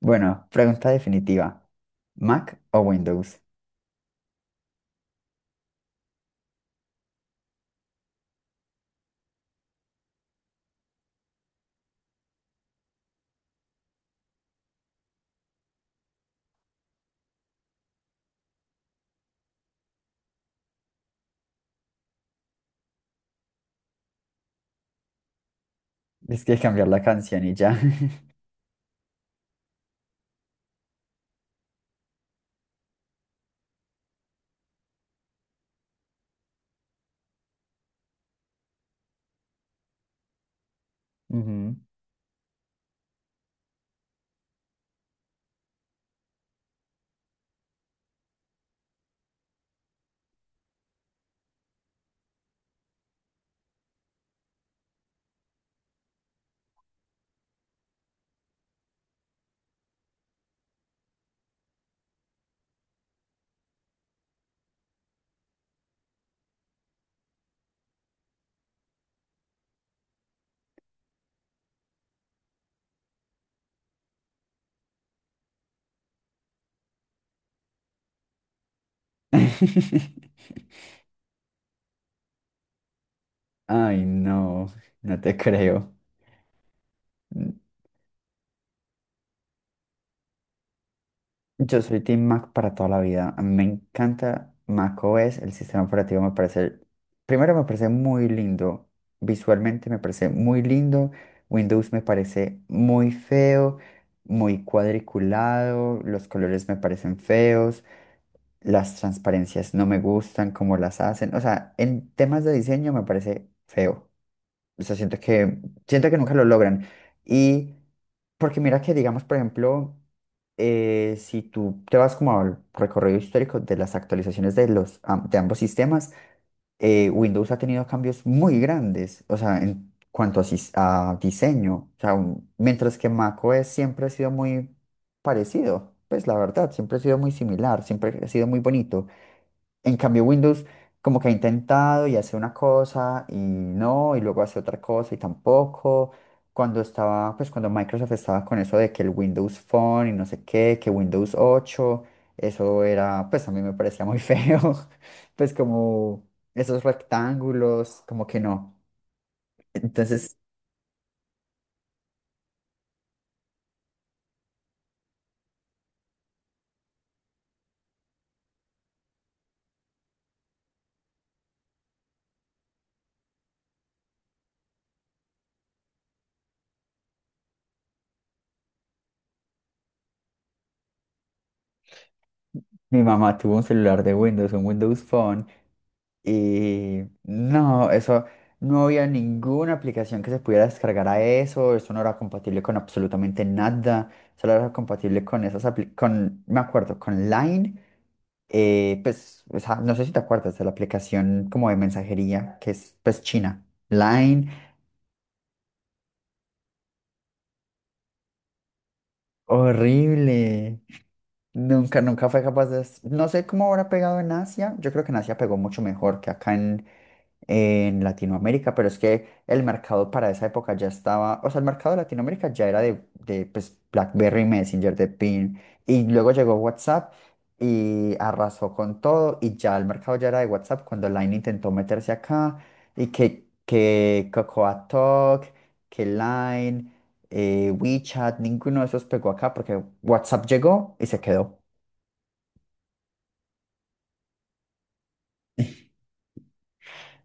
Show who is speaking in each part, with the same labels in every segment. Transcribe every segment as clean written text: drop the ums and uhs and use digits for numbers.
Speaker 1: Bueno, pregunta definitiva. ¿Mac o Windows? Es que cambiar la canción y ya. Ujú. Ay, no, no te creo. Mm. Yo soy Team Mac para toda la vida. A mí me encanta Mac macOS, el sistema operativo me parece, primero me parece muy lindo, visualmente me parece muy lindo. Windows me parece muy feo, muy cuadriculado, los colores me parecen feos. Las transparencias no me gustan como las hacen. O sea, en temas de diseño me parece feo. O sea, siento que nunca lo logran. Y porque mira que, digamos, por ejemplo, si tú te vas como al recorrido histórico de las actualizaciones de de ambos sistemas, Windows ha tenido cambios muy grandes. O sea, en cuanto a diseño. O sea, mientras que macOS siempre ha sido muy parecido. Pues la verdad, siempre ha sido muy similar, siempre ha sido muy bonito. En cambio, Windows como que ha intentado y hace una cosa y no, y luego hace otra cosa y tampoco. Cuando Microsoft estaba con eso de que el Windows Phone y no sé qué, que Windows 8 eso era, pues a mí me parecía muy feo, pues como esos rectángulos, como que no. Entonces, mi mamá tuvo un celular de Windows, un Windows Phone. Y no, eso no había ninguna aplicación que se pudiera descargar a eso, eso no era compatible con absolutamente nada, solo era compatible con esas con, me acuerdo, con Line, pues, o sea, no sé si te acuerdas de la aplicación como de mensajería que es pues China. Line, horrible. Nunca, nunca fue capaz de... No sé cómo habrá pegado en Asia. Yo creo que en Asia pegó mucho mejor que acá en Latinoamérica, pero es que el mercado para esa época ya estaba... O sea, el mercado de Latinoamérica ya era de pues, BlackBerry, Messenger, de PIN. Y luego llegó WhatsApp y arrasó con todo. Y ya el mercado ya era de WhatsApp cuando Line intentó meterse acá. Y que Cocoa Talk, que Line, WeChat, ninguno de esos pegó acá porque WhatsApp llegó y se quedó.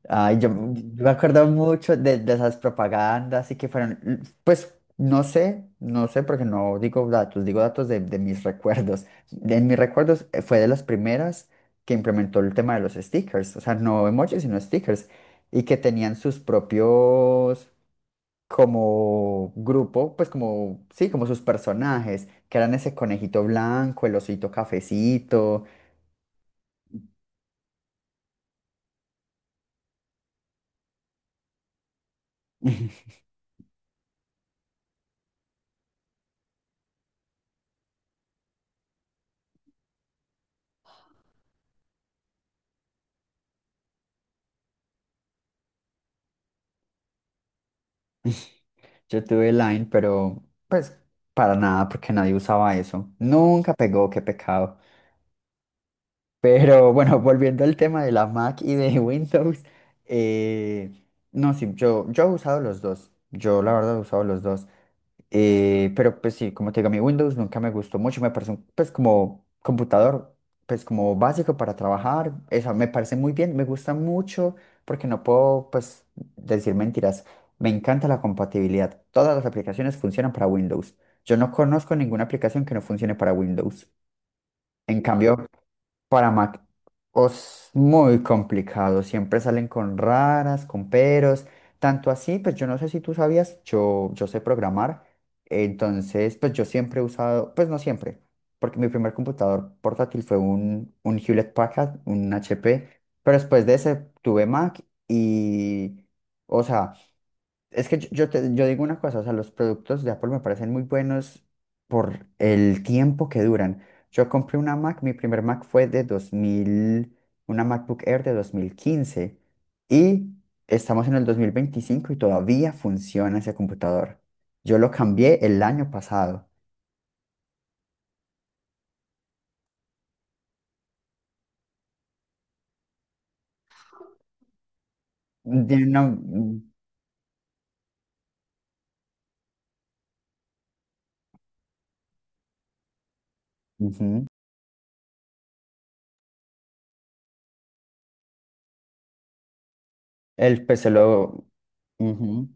Speaker 1: Ay, yo, me acuerdo mucho de esas propagandas y que fueron, pues no sé, no sé porque no digo datos, digo datos de mis recuerdos. En mis recuerdos fue de las primeras que implementó el tema de los stickers, o sea, no emojis, sino stickers, y que tenían sus propios como grupo, pues como, sí, como sus personajes, que eran ese conejito blanco, el osito cafecito. Yo tuve Line, pero pues para nada, porque nadie usaba eso. Nunca pegó, qué pecado. Pero bueno, volviendo al tema de la Mac y de Windows, eh, no, sí, yo, he usado los dos. Yo la verdad he usado los dos. Pero pues sí, como te digo, mi Windows nunca me gustó mucho. Me parece un, pues como computador, pues como básico para trabajar. Eso me parece muy bien, me gusta mucho porque no puedo pues decir mentiras. Me encanta la compatibilidad. Todas las aplicaciones funcionan para Windows. Yo no conozco ninguna aplicación que no funcione para Windows. En cambio, para Mac es muy complicado, siempre salen con raras, con peros, tanto así, pues yo no sé si tú sabías, yo sé programar, entonces pues yo siempre he usado, pues no siempre, porque mi primer computador portátil fue un Hewlett Packard, un HP, pero después de ese tuve Mac y, o sea, es que yo, yo digo una cosa, o sea, los productos de Apple me parecen muy buenos por el tiempo que duran. Yo compré una Mac, mi primer Mac fue de 2000 una MacBook Air de 2015 y estamos en el 2025 y todavía funciona ese computador. Yo lo cambié el año pasado. Tiene una... Mm. Ujú. El PC lo... Ujú.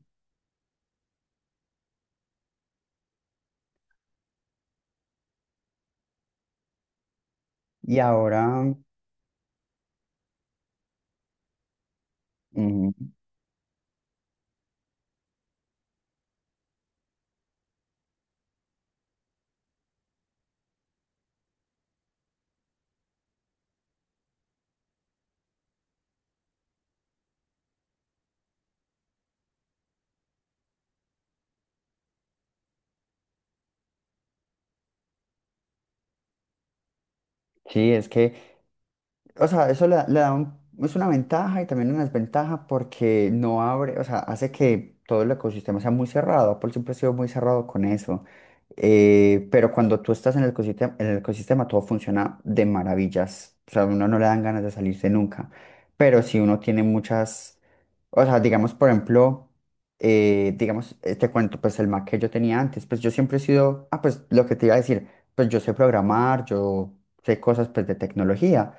Speaker 1: Y ahora... Ujú. Sí, es que... O sea, eso le da es una ventaja y también una desventaja porque no abre, o sea, hace que todo el ecosistema sea muy cerrado. Apple siempre ha sido muy cerrado con eso. Pero cuando tú estás en el ecosistema todo funciona de maravillas. O sea, a uno no le dan ganas de salirse nunca. Pero si uno tiene muchas, o sea, digamos, por ejemplo, digamos, te cuento, pues el Mac que yo tenía antes, pues yo siempre he sido, pues lo que te iba a decir, pues yo sé programar, yo sé cosas, pues, de tecnología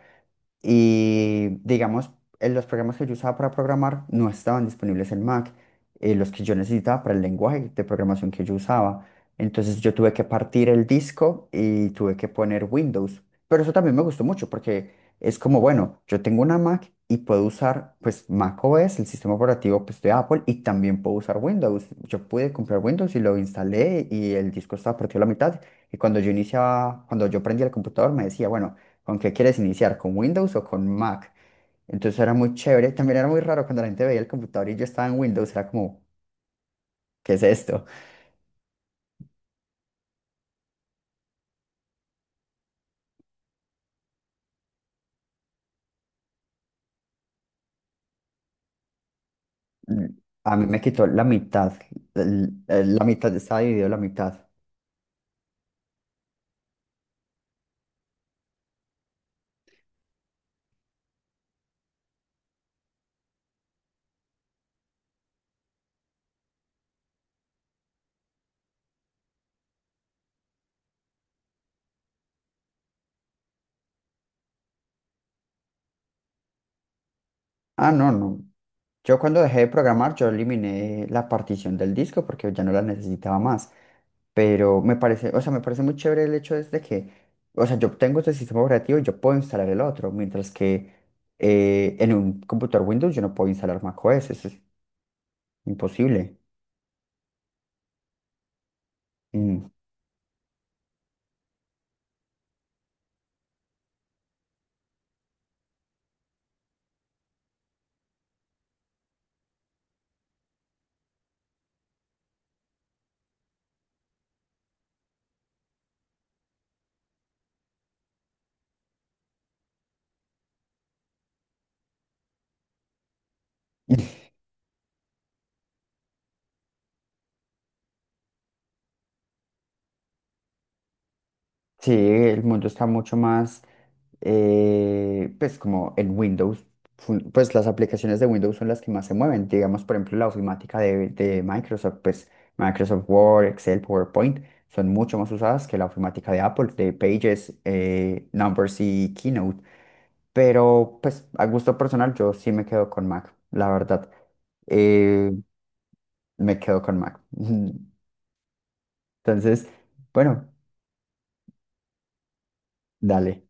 Speaker 1: y digamos, los programas que yo usaba para programar no estaban disponibles en Mac, los que yo necesitaba para el lenguaje de programación que yo usaba. Entonces yo tuve que partir el disco y tuve que poner Windows. Pero eso también me gustó mucho porque es como, bueno, yo tengo una Mac y puedo usar pues Mac OS, el sistema operativo pues, de Apple, y también puedo usar Windows. Yo pude comprar Windows y lo instalé y el disco estaba partido a la mitad. Y cuando yo iniciaba, cuando yo prendía el computador me decía, bueno, ¿con qué quieres iniciar? ¿Con Windows o con Mac? Entonces era muy chévere. También era muy raro cuando la gente veía el computador y yo estaba en Windows. Era como, ¿qué es esto? Mm. A mí me quitó la mitad. La mitad estaba dividido la mitad. Ah, no, no. Yo cuando dejé de programar, yo eliminé la partición del disco porque ya no la necesitaba más. Pero me parece, o sea, me parece muy chévere el hecho es de que, o sea, yo tengo este sistema operativo y yo puedo instalar el otro, mientras que en un computador Windows yo no puedo instalar macOS, eso es imposible. Mm. Sí, el mundo está mucho más, pues como en Windows, pues las aplicaciones de Windows son las que más se mueven. Digamos, por ejemplo, la ofimática de Microsoft, pues Microsoft Word, Excel, PowerPoint, son mucho más usadas que la ofimática de Apple, de Pages, Numbers y Keynote. Pero pues a gusto personal yo sí me quedo con Mac, la verdad. Eh, me quedo con Mac. Entonces, bueno, dale.